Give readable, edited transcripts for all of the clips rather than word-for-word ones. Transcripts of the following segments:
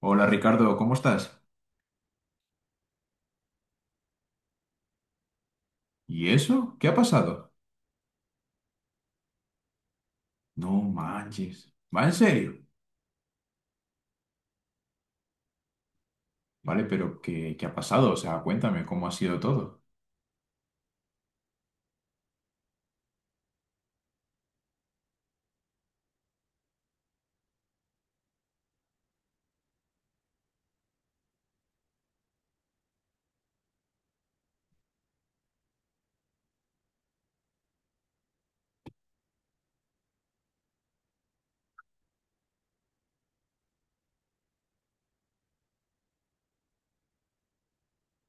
Hola Ricardo, ¿cómo estás? ¿Y eso? ¿Qué ha pasado? No manches. ¿Va en serio? Vale, pero ¿qué ha pasado. O sea, cuéntame cómo ha sido todo.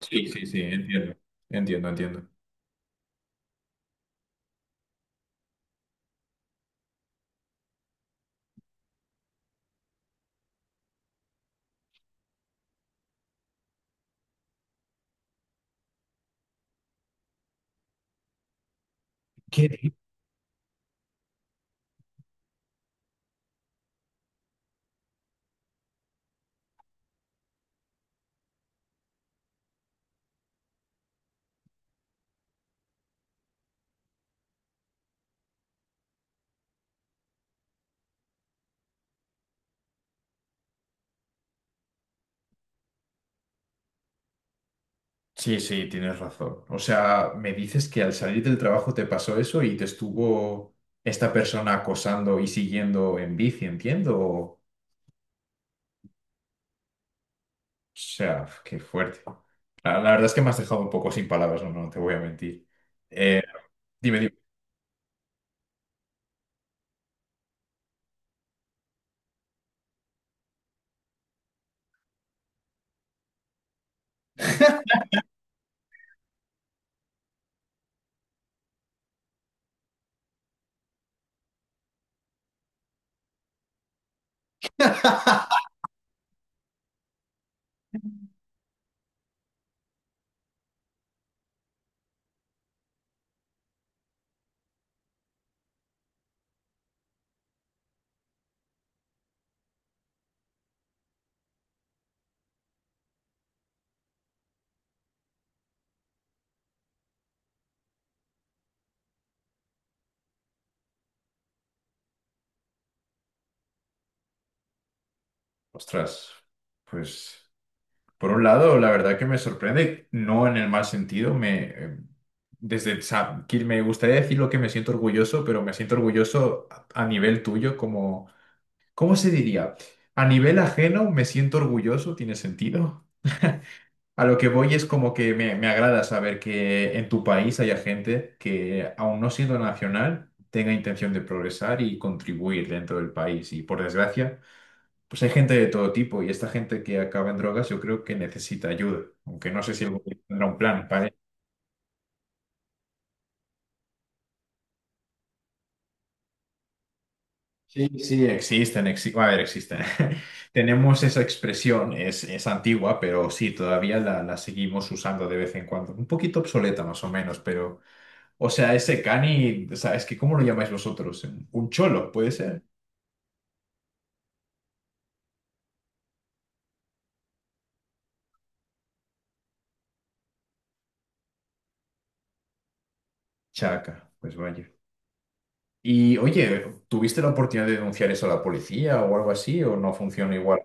Sí, sí, sí, entiendo. Entiendo, entiendo. ¿Qué? Sí, sí, tienes razón. O sea, me dices que al salir del trabajo te pasó eso y te estuvo esta persona acosando y siguiendo en bici, entiendo. O sea, qué fuerte. La verdad es que me has dejado un poco sin palabras, no, no te voy a mentir. Eh, Dime, dime. Ostras, pues por un lado, la verdad que me sorprende, no en el mal sentido, me desde que me gustaría decir lo que me siento orgulloso, pero me siento orgulloso a nivel tuyo, como, ¿cómo se diría? A nivel ajeno me siento orgulloso, ¿tiene sentido? A lo que voy es como que me agrada saber que en tu país haya gente que, aun no siendo nacional, tenga intención de progresar y contribuir dentro del país. Y por desgracia, pues hay gente de todo tipo y esta gente que acaba en drogas yo creo que necesita ayuda, aunque no sé si el gobierno tendrá un plan para ello. Sí, sí, existen, a ver, existen. Tenemos esa expresión, es antigua, pero sí, todavía la seguimos usando de vez en cuando. Un poquito obsoleta más o menos, pero, o sea, ese cani, o sea, es que ¿cómo lo llamáis vosotros? Un cholo, puede ser. Chaca, pues vaya. Y oye, ¿tuviste la oportunidad de denunciar eso a la policía o algo así o no funciona igual?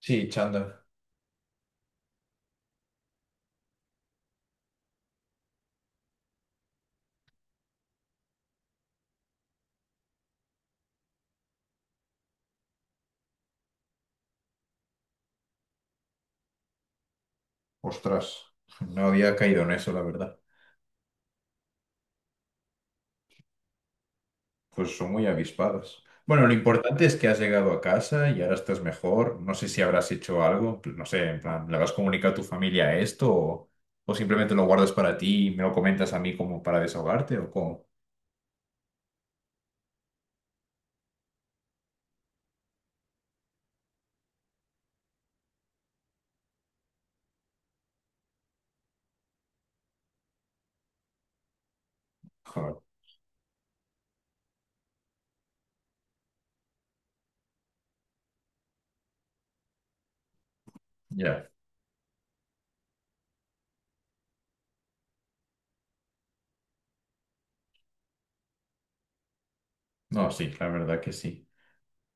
Sí, chanda. Ostras, no había caído en eso, la verdad. Pues son muy avispadas. Bueno, lo importante es que has llegado a casa y ahora estás mejor. No sé si habrás hecho algo, no sé, en plan, ¿le vas a comunicar a tu familia esto, o simplemente lo guardas para ti y me lo comentas a mí como para desahogarte o cómo? Joder, ya. No, sí, la verdad que sí.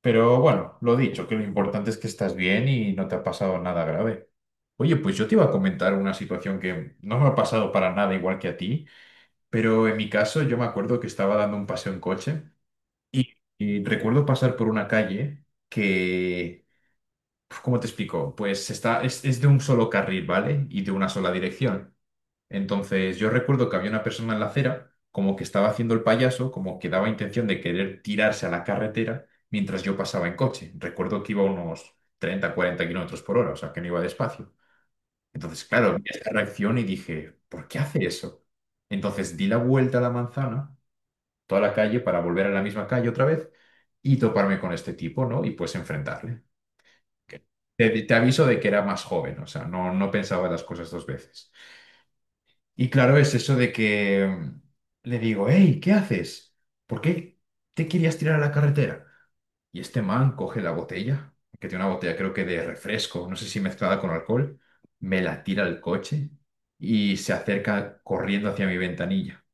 Pero bueno, lo dicho, que lo importante es que estás bien y no te ha pasado nada grave. Oye, pues yo te iba a comentar una situación que no me ha pasado para nada igual que a ti. Pero en mi caso, yo me acuerdo que estaba dando un paseo en coche y recuerdo pasar por una calle que, uf, ¿cómo te explico? Pues está, es de un solo carril, ¿vale? Y de una sola dirección. Entonces, yo recuerdo que había una persona en la acera, como que estaba haciendo el payaso, como que daba intención de querer tirarse a la carretera mientras yo pasaba en coche. Recuerdo que iba a unos 30 40 kilómetros por hora, o sea, que no iba despacio. Entonces, claro, vi esta reacción y dije, ¿por qué hace eso? Entonces di la vuelta a la manzana, toda la calle, para volver a la misma calle otra vez y toparme con este tipo, ¿no? Y pues enfrentarle. Ok. Te aviso de que era más joven, o sea, no, no pensaba las cosas dos veces. Y claro, es eso de que le digo, hey, ¿qué haces? ¿Por qué te querías tirar a la carretera? Y este man coge la botella, que tiene una botella creo que de refresco, no sé si mezclada con alcohol, me la tira al coche y se acerca corriendo hacia mi ventanilla.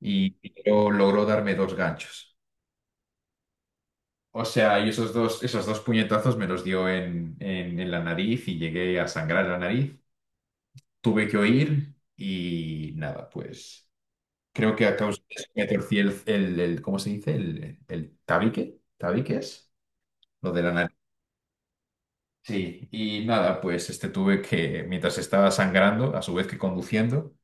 Y yo logró darme dos ganchos. O sea, y esos dos puñetazos me los dio en la nariz y llegué a sangrar la nariz. Tuve que oír y nada, pues creo que a causa de eso me torcí el ¿cómo se dice? El tabique, ¿tabique es? Lo de la nariz. Sí, y nada, pues este tuve que, mientras estaba sangrando, a su vez que conduciendo,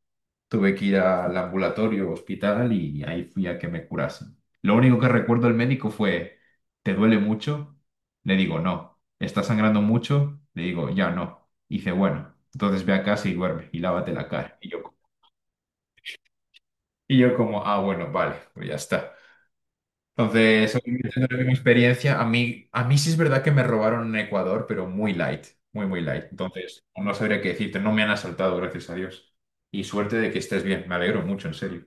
tuve que ir al ambulatorio, hospital, y ahí fui a que me curasen. Lo único que recuerdo del médico fue, ¿te duele mucho? Le digo, no. ¿Estás sangrando mucho? Le digo, ya no. Y dice, bueno, entonces ve a casa y duerme y lávate la cara. Y yo como, ah, bueno, vale, pues ya está. Entonces, obviamente no es mi experiencia. A mí sí es verdad que me robaron en Ecuador, pero muy light, muy, muy light. Entonces, no sabría qué decirte, no me han asaltado, gracias a Dios. Y suerte de que estés bien, me alegro mucho, en serio.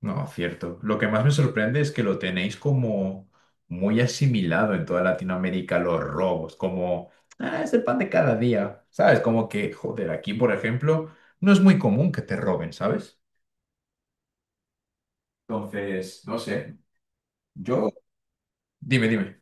No, cierto. Lo que más me sorprende es que lo tenéis como muy asimilado en toda Latinoamérica, los robos, como, "Ah, es el pan de cada día, ¿sabes? Como que, joder, aquí, por ejemplo, no es muy común que te roben, ¿sabes? Entonces, no sé, yo... Dime, dime.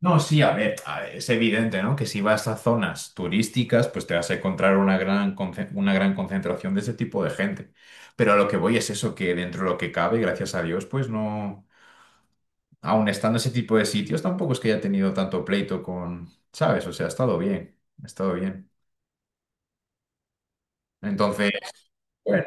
No, sí, a ver, es evidente, ¿no? Que si vas a zonas turísticas, pues te vas a encontrar una una gran concentración de ese tipo de gente. Pero a lo que voy es eso, que dentro de lo que cabe, gracias a Dios, pues no... aun estando ese tipo de sitios, tampoco es que haya tenido tanto pleito con, ¿sabes? O sea, ha estado bien, ha estado bien. Entonces, bueno,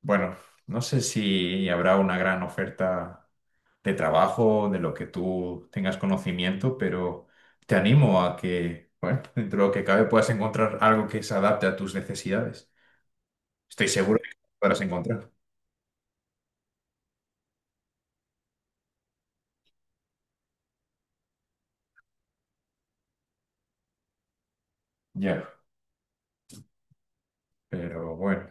bueno, no sé si habrá una gran oferta de trabajo, de lo que tú tengas conocimiento, pero te animo a que, bueno, dentro de lo que cabe puedas encontrar algo que se adapte a tus necesidades. Estoy seguro de que podrás encontrar. Ya. Pero bueno.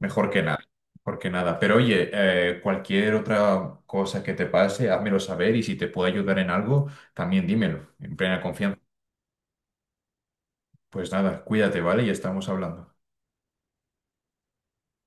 Mejor que nada, mejor que nada. Pero oye, cualquier otra cosa que te pase, házmelo saber, y si te puedo ayudar en algo, también dímelo, en plena confianza. Pues nada, cuídate, ¿vale? Y estamos hablando.